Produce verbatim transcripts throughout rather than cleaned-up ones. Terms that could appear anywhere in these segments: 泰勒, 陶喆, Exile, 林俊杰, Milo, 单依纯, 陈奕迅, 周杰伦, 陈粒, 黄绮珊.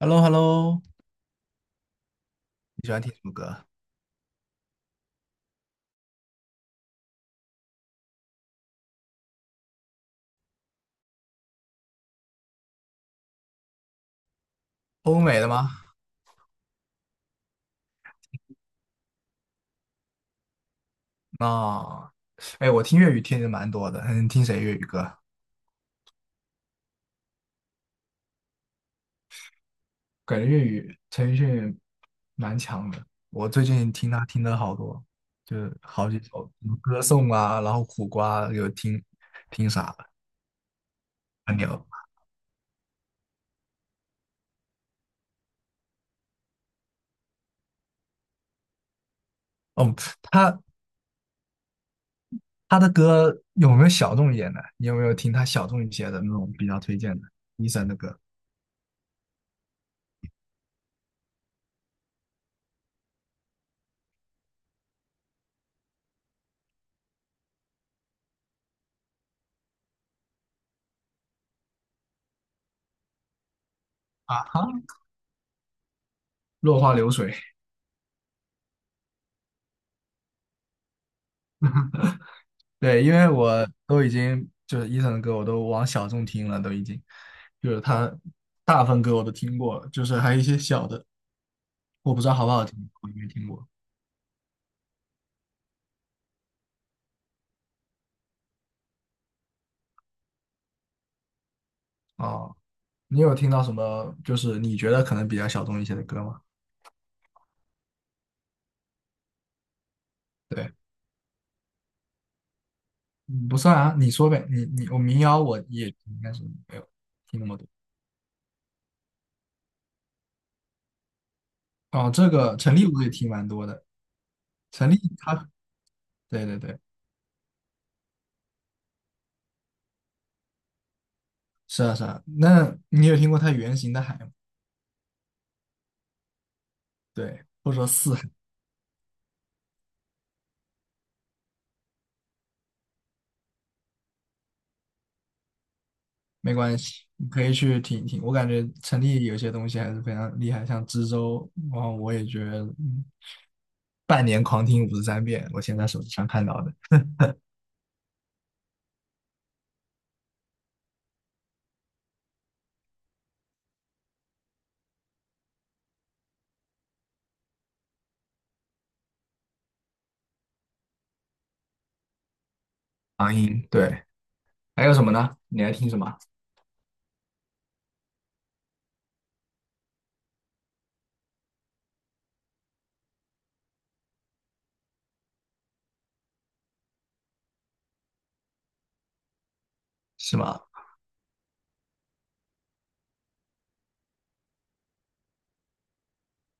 h e l l o h e l l o 你喜欢听什么歌？欧美的吗？那、哎，我听粤语听的蛮多的。嗯，听谁粤语歌？感觉粤语陈奕迅蛮强的。我最近听他听的好多，就是好几首，什么歌颂啊，然后苦瓜有听，听啥了？很牛。哦，他他的歌有没有小众一点的？你有没有听他小众一些的那种比较推荐的？医生的歌啊哈，落花流水。对，因为我都已经就是伊森的歌，我都往小众听了，都已经就是他大部分歌我都听过了，就是还有一些小的，我不知道好不好听，我没听过。哦，你有听到什么就是你觉得可能比较小众一些的歌吗？对，嗯不算啊，你说呗，你你我民谣我也应该是没有听那么多。哦，这个陈粒我也听蛮多的，陈粒他，对对对，是啊是啊，那你有听过他原型的海吗？对，或者说四。没关系，你可以去听一听。我感觉城里有些东西还是非常厉害，像知州，然后我也觉得，嗯，半年狂听五十三遍，我现在手机上看到的长音。对，还有什么呢？你还听什么？是吗？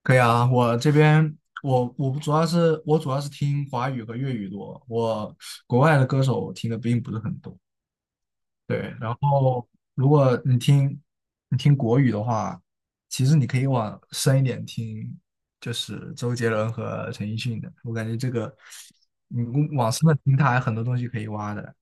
可以啊，我这边我我主要是我主要是听华语和粤语多，我国外的歌手我听的并不是很多。对，然后如果你听你听国语的话，其实你可以往深一点听，就是周杰伦和陈奕迅的。我感觉这个你往深的听，他还有很多东西可以挖的。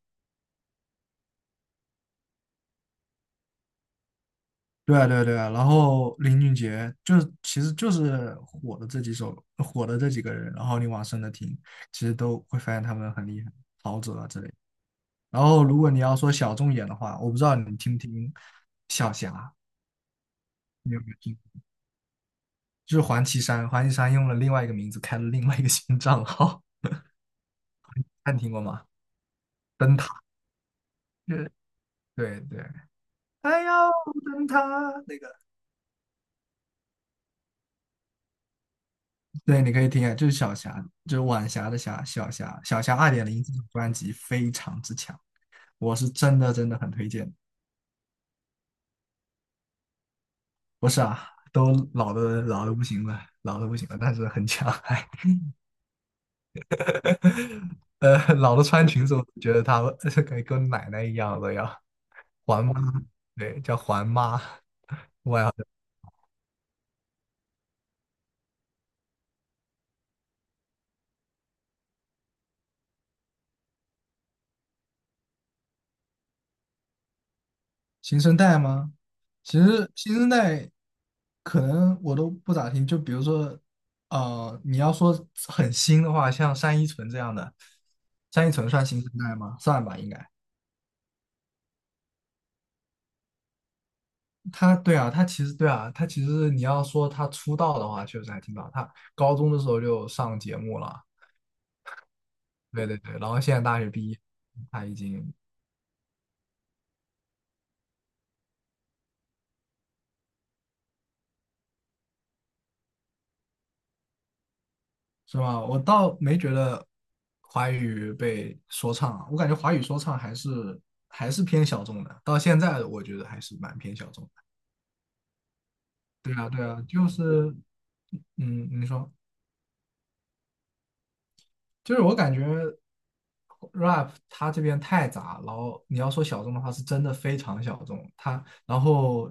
对啊，对啊，对啊。然后林俊杰就是其实就是火的这几首，火的这几个人，然后你往深的听，其实都会发现他们很厉害，陶喆啊之类的。然后如果你要说小众一点的话，我不知道你听不听小霞，你有没有听？就是黄绮珊，黄绮珊用了另外一个名字开了另外一个新账号，你听过吗？灯塔，对对对，哎呦，灯塔那个，对，你可以听啊，就是小霞，就是晚霞的霞，小霞，小霞二点零这张专辑非常之强，我是真的真的很推荐。不是啊，都老的老的不行了，老的不行了，但是很强，还 呃，老的穿裙子，我觉得她 以跟奶奶一样的要环妈，对，叫环妈，外新生代吗？其实新生代可能我都不咋听，就比如说，呃，你要说很新的话，像单依纯这样的，单依纯算新生代吗？算吧，应该。他对啊，他其实对啊，他其实你要说他出道的话，确实还挺早，他高中的时候就上节目了，对对对，然后现在大学毕业，他已经是吧？我倒没觉得华语被说唱啊，我感觉华语说唱还是还是偏小众的，到现在我觉得还是蛮偏小众的。对啊，对啊，就是，嗯，你说，就是我感觉 rap 它这边太杂，然后你要说小众的话，是真的非常小众。它然后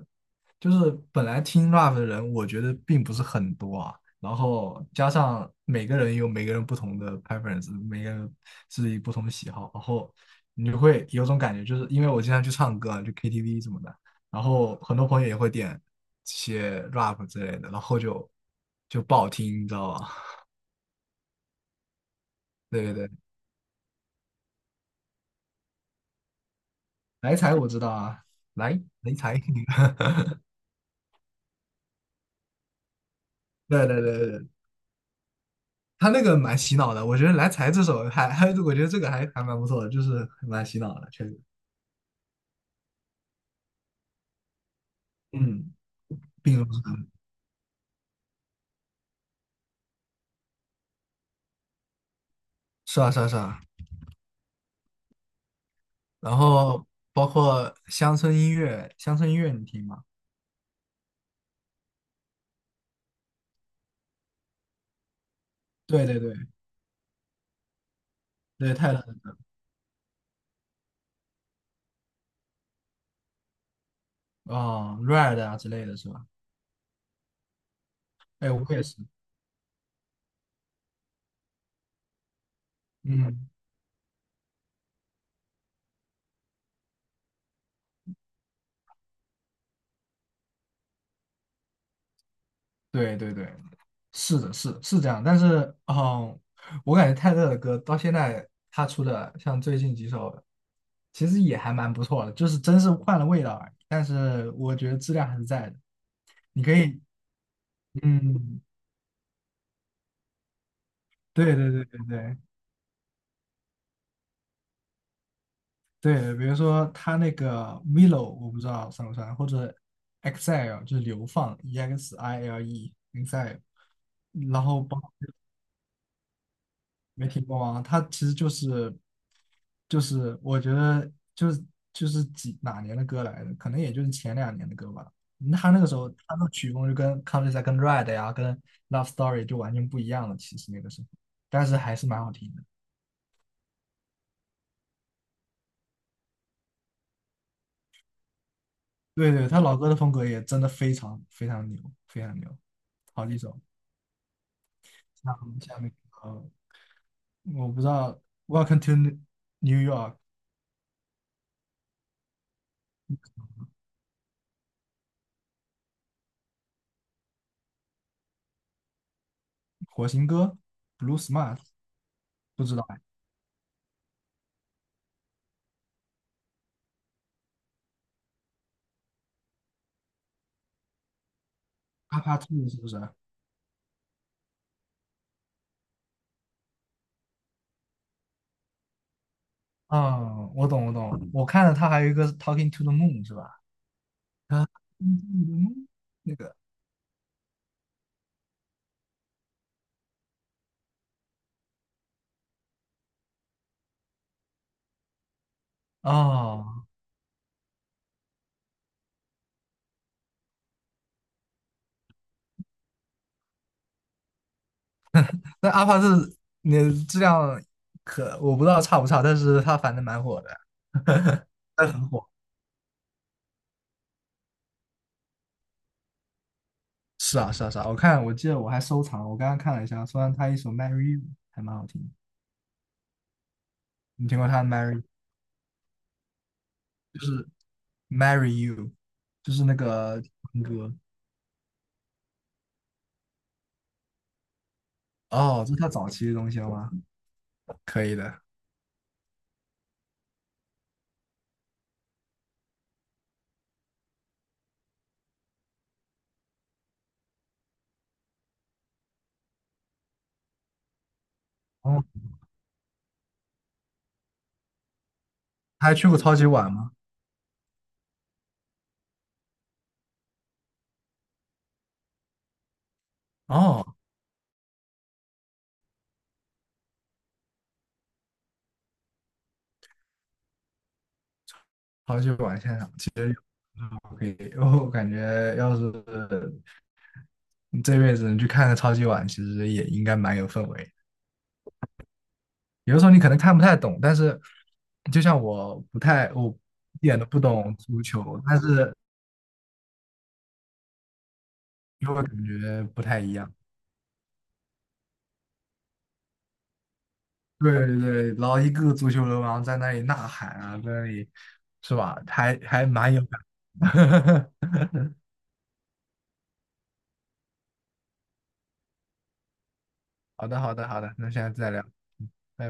就是本来听 rap 的人，我觉得并不是很多啊。然后加上每个人有每个人不同的 preference，每个人自己不同的喜好，然后你就会有种感觉，就是因为我经常去唱歌啊，就 K T V 什么的，然后很多朋友也会点一些 rap 之类的，然后就就不好听，你知道吧？对对对。来财我知道啊，来来财，对对对对，他那个蛮洗脑的，我觉得《来财》这首还还，我觉得这个还还蛮不错的，就是蛮洗脑的，确实。嗯，并不是很，是啊是啊是啊。然后包括乡村音乐，乡村音乐你听吗？对对对对，泰勒的歌，哦，Red 啊之类的是吧？哎，我也是，嗯，对对对，是的，是是这样，但是，嗯，我感觉泰勒的歌到现在他出的，像最近几首，其实也还蛮不错的，就是真是换了味道而已。但是我觉得质量还是在的。你可以，嗯，对对对对对对，比如说他那个 Milo，我不知道算不算，或者 Exile 就是流放，E X I L E Exile，然后包。没听过啊，它其实就是就是我觉得就是就是几哪年的歌来的，可能也就是前两年的歌吧。他那个时候他的曲风就跟 c o u n t r s i d e 跟 Red 呀、跟 Love Story 就完全不一样了。其实那个时候，但是还是蛮好听的。对对，他老歌的风格也真的非常非常牛，非常牛，好几首。那我们下面，呃，我不知道《Welcome to New York》火星哥 Blue Smart 不知道哎，阿帕兔是不是？嗯，我懂，我懂。我看了他还有一个 Talking to the Moon 是吧？啊，Talking to the Moon 那个哦，那阿帕是那质量可我不知道差不差，但是他反正蛮火的，他很火。是啊，是啊，是啊。我看我记得我还收藏了我刚刚看了一下，虽然他一首 Marry You 还蛮好听的你听过他的 Marry 就是 Marry You，就是那个情歌哦，这是他早期的东西了吗？可以的。哦，他还去过超级碗吗？哦。超级碗现场，其实可以。我感觉要是这辈子你去看个超级碗，其实也应该蛮有氛围。有的时候你可能看不太懂，但是就像我不太，我一点都不懂足球，但是就会感觉不太一样。对对对，然后一个个足球流氓在那里呐喊啊，在那里是吧？还还蛮有感。好的好的好的，那下次再聊，嗯拜拜。